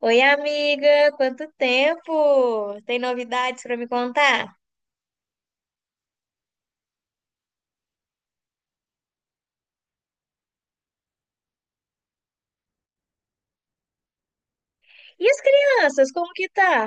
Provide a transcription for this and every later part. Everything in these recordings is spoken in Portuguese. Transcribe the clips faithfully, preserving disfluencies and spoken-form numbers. Oi, amiga, quanto tempo? Tem novidades para me contar? E as crianças, como que tá?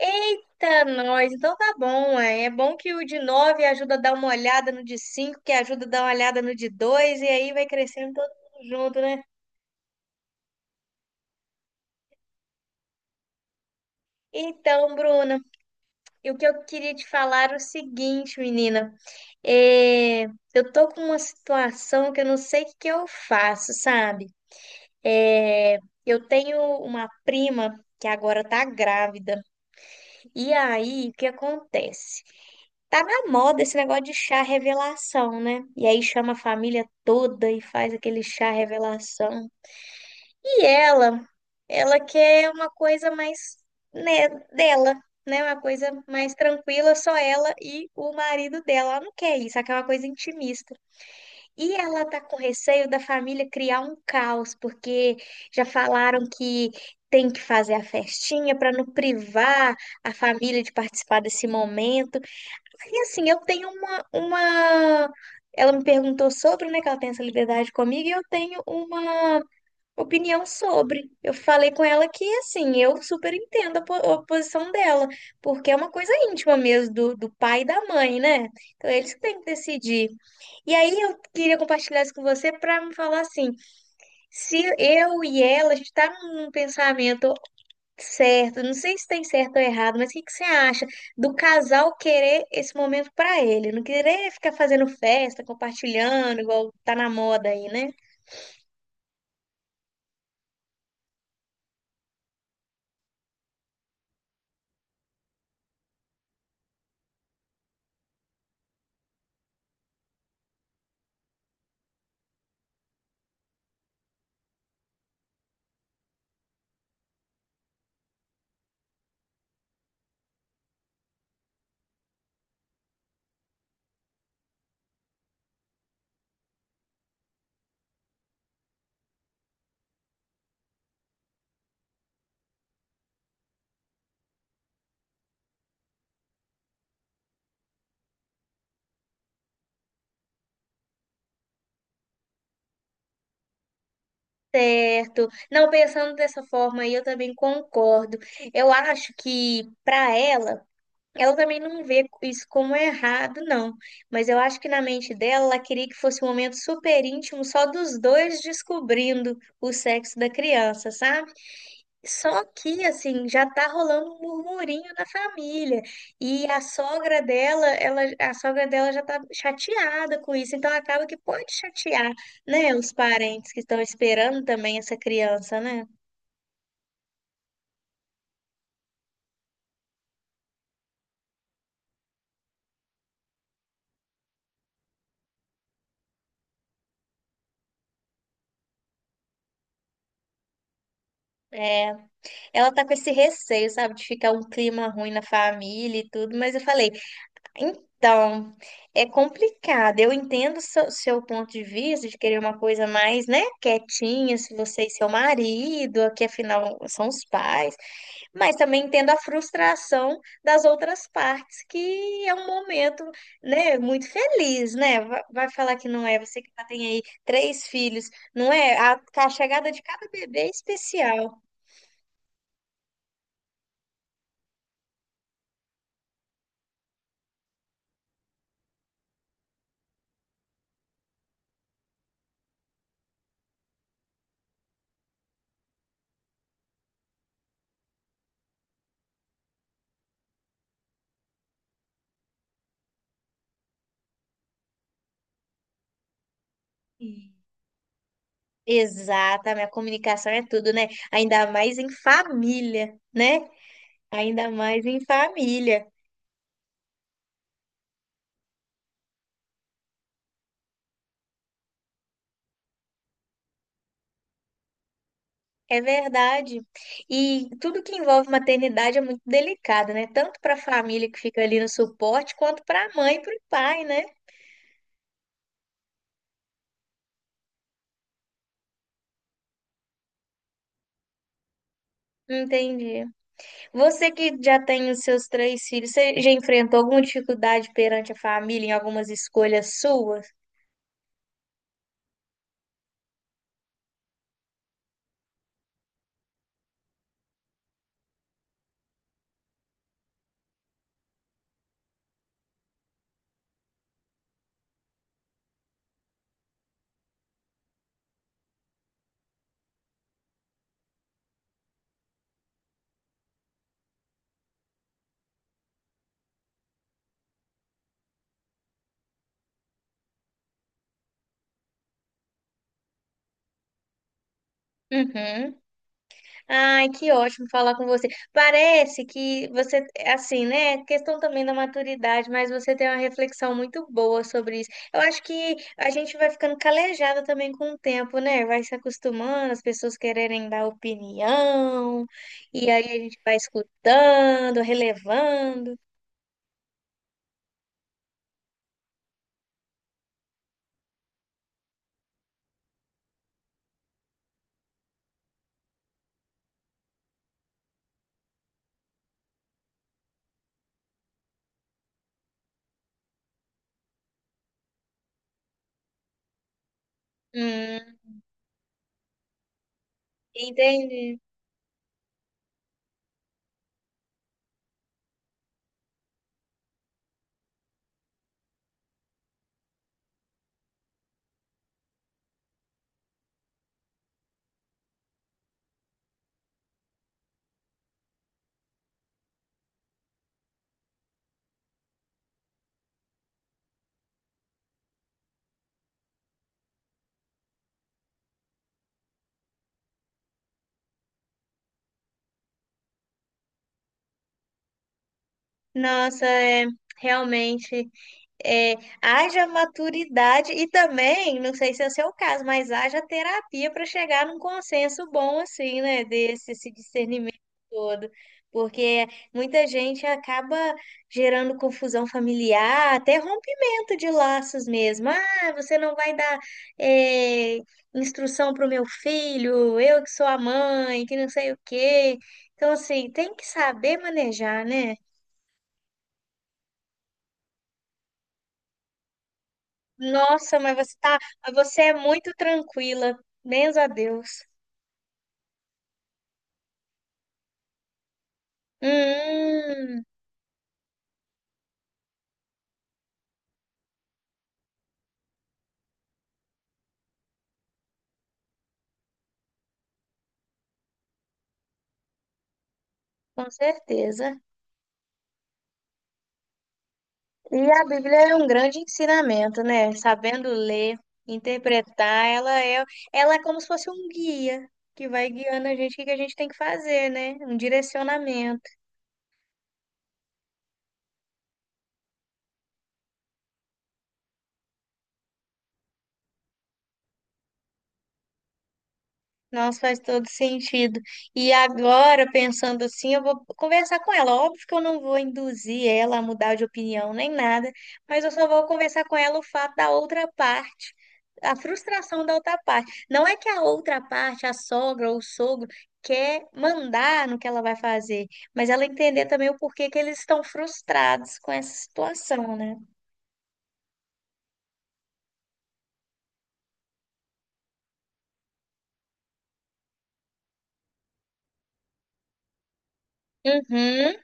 Eita, nós, então tá bom, ué. É bom que o de nove ajuda a dar uma olhada no de cinco, que ajuda a dar uma olhada no de dois e aí vai crescendo todo mundo junto, né? Então, Bruna, e o que eu queria te falar é o seguinte, menina, é... eu tô com uma situação que eu não sei o que que eu faço, sabe? É... Eu tenho uma prima que agora tá grávida. E aí, o que acontece? Tá na moda esse negócio de chá revelação, né? E aí chama a família toda e faz aquele chá revelação. E ela, ela quer uma coisa mais, né, dela, né? Uma coisa mais tranquila, só ela e o marido dela. Ela não quer isso, ela quer uma coisa intimista. E ela tá com receio da família criar um caos, porque já falaram que tem que fazer a festinha para não privar a família de participar desse momento. E assim, eu tenho uma, uma... ela me perguntou sobre, né, que ela tem essa liberdade comigo, e eu tenho uma opinião sobre. Eu falei com ela que, assim, eu super entendo a, po- a posição dela, porque é uma coisa íntima mesmo do, do pai e da mãe, né? Então, eles que têm que decidir. E aí, eu queria compartilhar isso com você para me falar assim: se eu e ela, a gente tá num pensamento certo, não sei se tem certo ou errado, mas o que que você acha do casal querer esse momento para ele? Não querer ficar fazendo festa, compartilhando, igual tá na moda aí, né? Certo. Não, pensando dessa forma aí, eu também concordo. Eu acho que para ela, ela também não vê isso como errado, não. Mas eu acho que na mente dela, ela queria que fosse um momento super íntimo, só dos dois descobrindo o sexo da criança, sabe? Só que, assim, já tá rolando um murmurinho na família. E a sogra dela, ela, a sogra dela já tá chateada com isso. Então acaba que pode chatear, né, os parentes que estão esperando também essa criança, né? É, ela tá com esse receio, sabe, de ficar um clima ruim na família e tudo, mas eu falei, então, é complicado. Eu entendo seu, seu ponto de vista de querer uma coisa mais, né, quietinha, se você e seu marido, que afinal são os pais. Mas também entendo a frustração das outras partes, que é um momento, né, muito feliz, né? Va- Vai falar que não é, você que já tem aí três filhos, não é? A, a chegada de cada bebê é especial. Sim. Exatamente, a comunicação é tudo, né? Ainda mais em família, né? Ainda mais em família. É verdade. E tudo que envolve maternidade é muito delicado, né? Tanto para a família que fica ali no suporte, quanto para a mãe e para o pai, né? Entendi. Você que já tem os seus três filhos, você já enfrentou alguma dificuldade perante a família em algumas escolhas suas? Uhum. Ai, que ótimo falar com você. Parece que você, assim, né? Questão também da maturidade, mas você tem uma reflexão muito boa sobre isso. Eu acho que a gente vai ficando calejada também com o tempo, né? Vai se acostumando, as pessoas quererem dar opinião, e aí a gente vai escutando, relevando. Hum, entendi. Nossa, é, realmente, é, haja maturidade e também, não sei se é o seu caso, mas haja terapia para chegar num consenso bom assim, né, desse esse discernimento todo. Porque muita gente acaba gerando confusão familiar, até rompimento de laços mesmo. Ah, você não vai dar é, instrução para o meu filho, eu que sou a mãe, que não sei o quê. Então, assim, tem que saber manejar, né? Nossa, mas você tá, mas você é muito tranquila. Benza a Deus. Hum, com certeza. E a Bíblia é um grande ensinamento, né? Sabendo ler, interpretar, ela é, ela é como se fosse um guia que vai guiando a gente o que que a gente tem que fazer, né? Um direcionamento. Nossa, faz todo sentido. E agora, pensando assim, eu vou conversar com ela. Óbvio que eu não vou induzir ela a mudar de opinião nem nada, mas eu só vou conversar com ela o fato da outra parte, a frustração da outra parte. Não é que a outra parte, a sogra ou o sogro, quer mandar no que ela vai fazer, mas ela entender também o porquê que eles estão frustrados com essa situação, né? Uhum.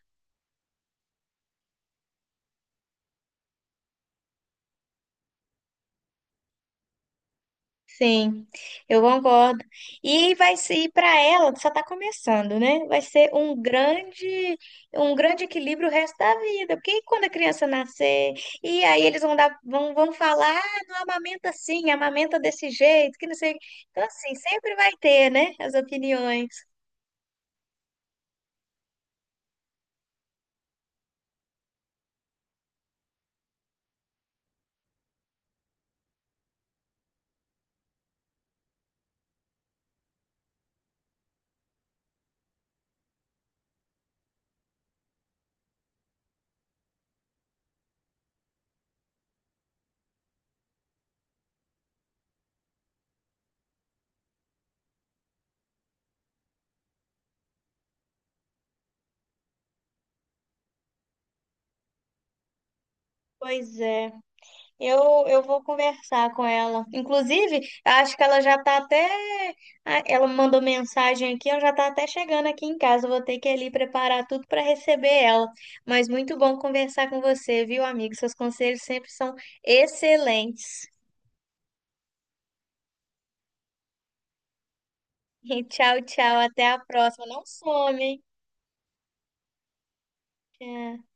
Sim, eu concordo. E vai ser para ela, só está começando, né? Vai ser um grande, um grande equilíbrio o resto da vida. Porque quando a criança nascer, e aí eles vão dar, vão, vão falar, ah, não amamenta assim, amamenta desse jeito, que não sei. Então, assim, sempre vai ter, né? As opiniões. Pois é. Eu, eu vou conversar com ela. Inclusive, acho que ela já tá até. Ah, ela mandou mensagem aqui, ela já tá até chegando aqui em casa. Eu vou ter que ir ali preparar tudo para receber ela. Mas muito bom conversar com você, viu, amigo? Seus conselhos sempre são excelentes. E tchau, tchau. Até a próxima. Não some, hein? Tchau.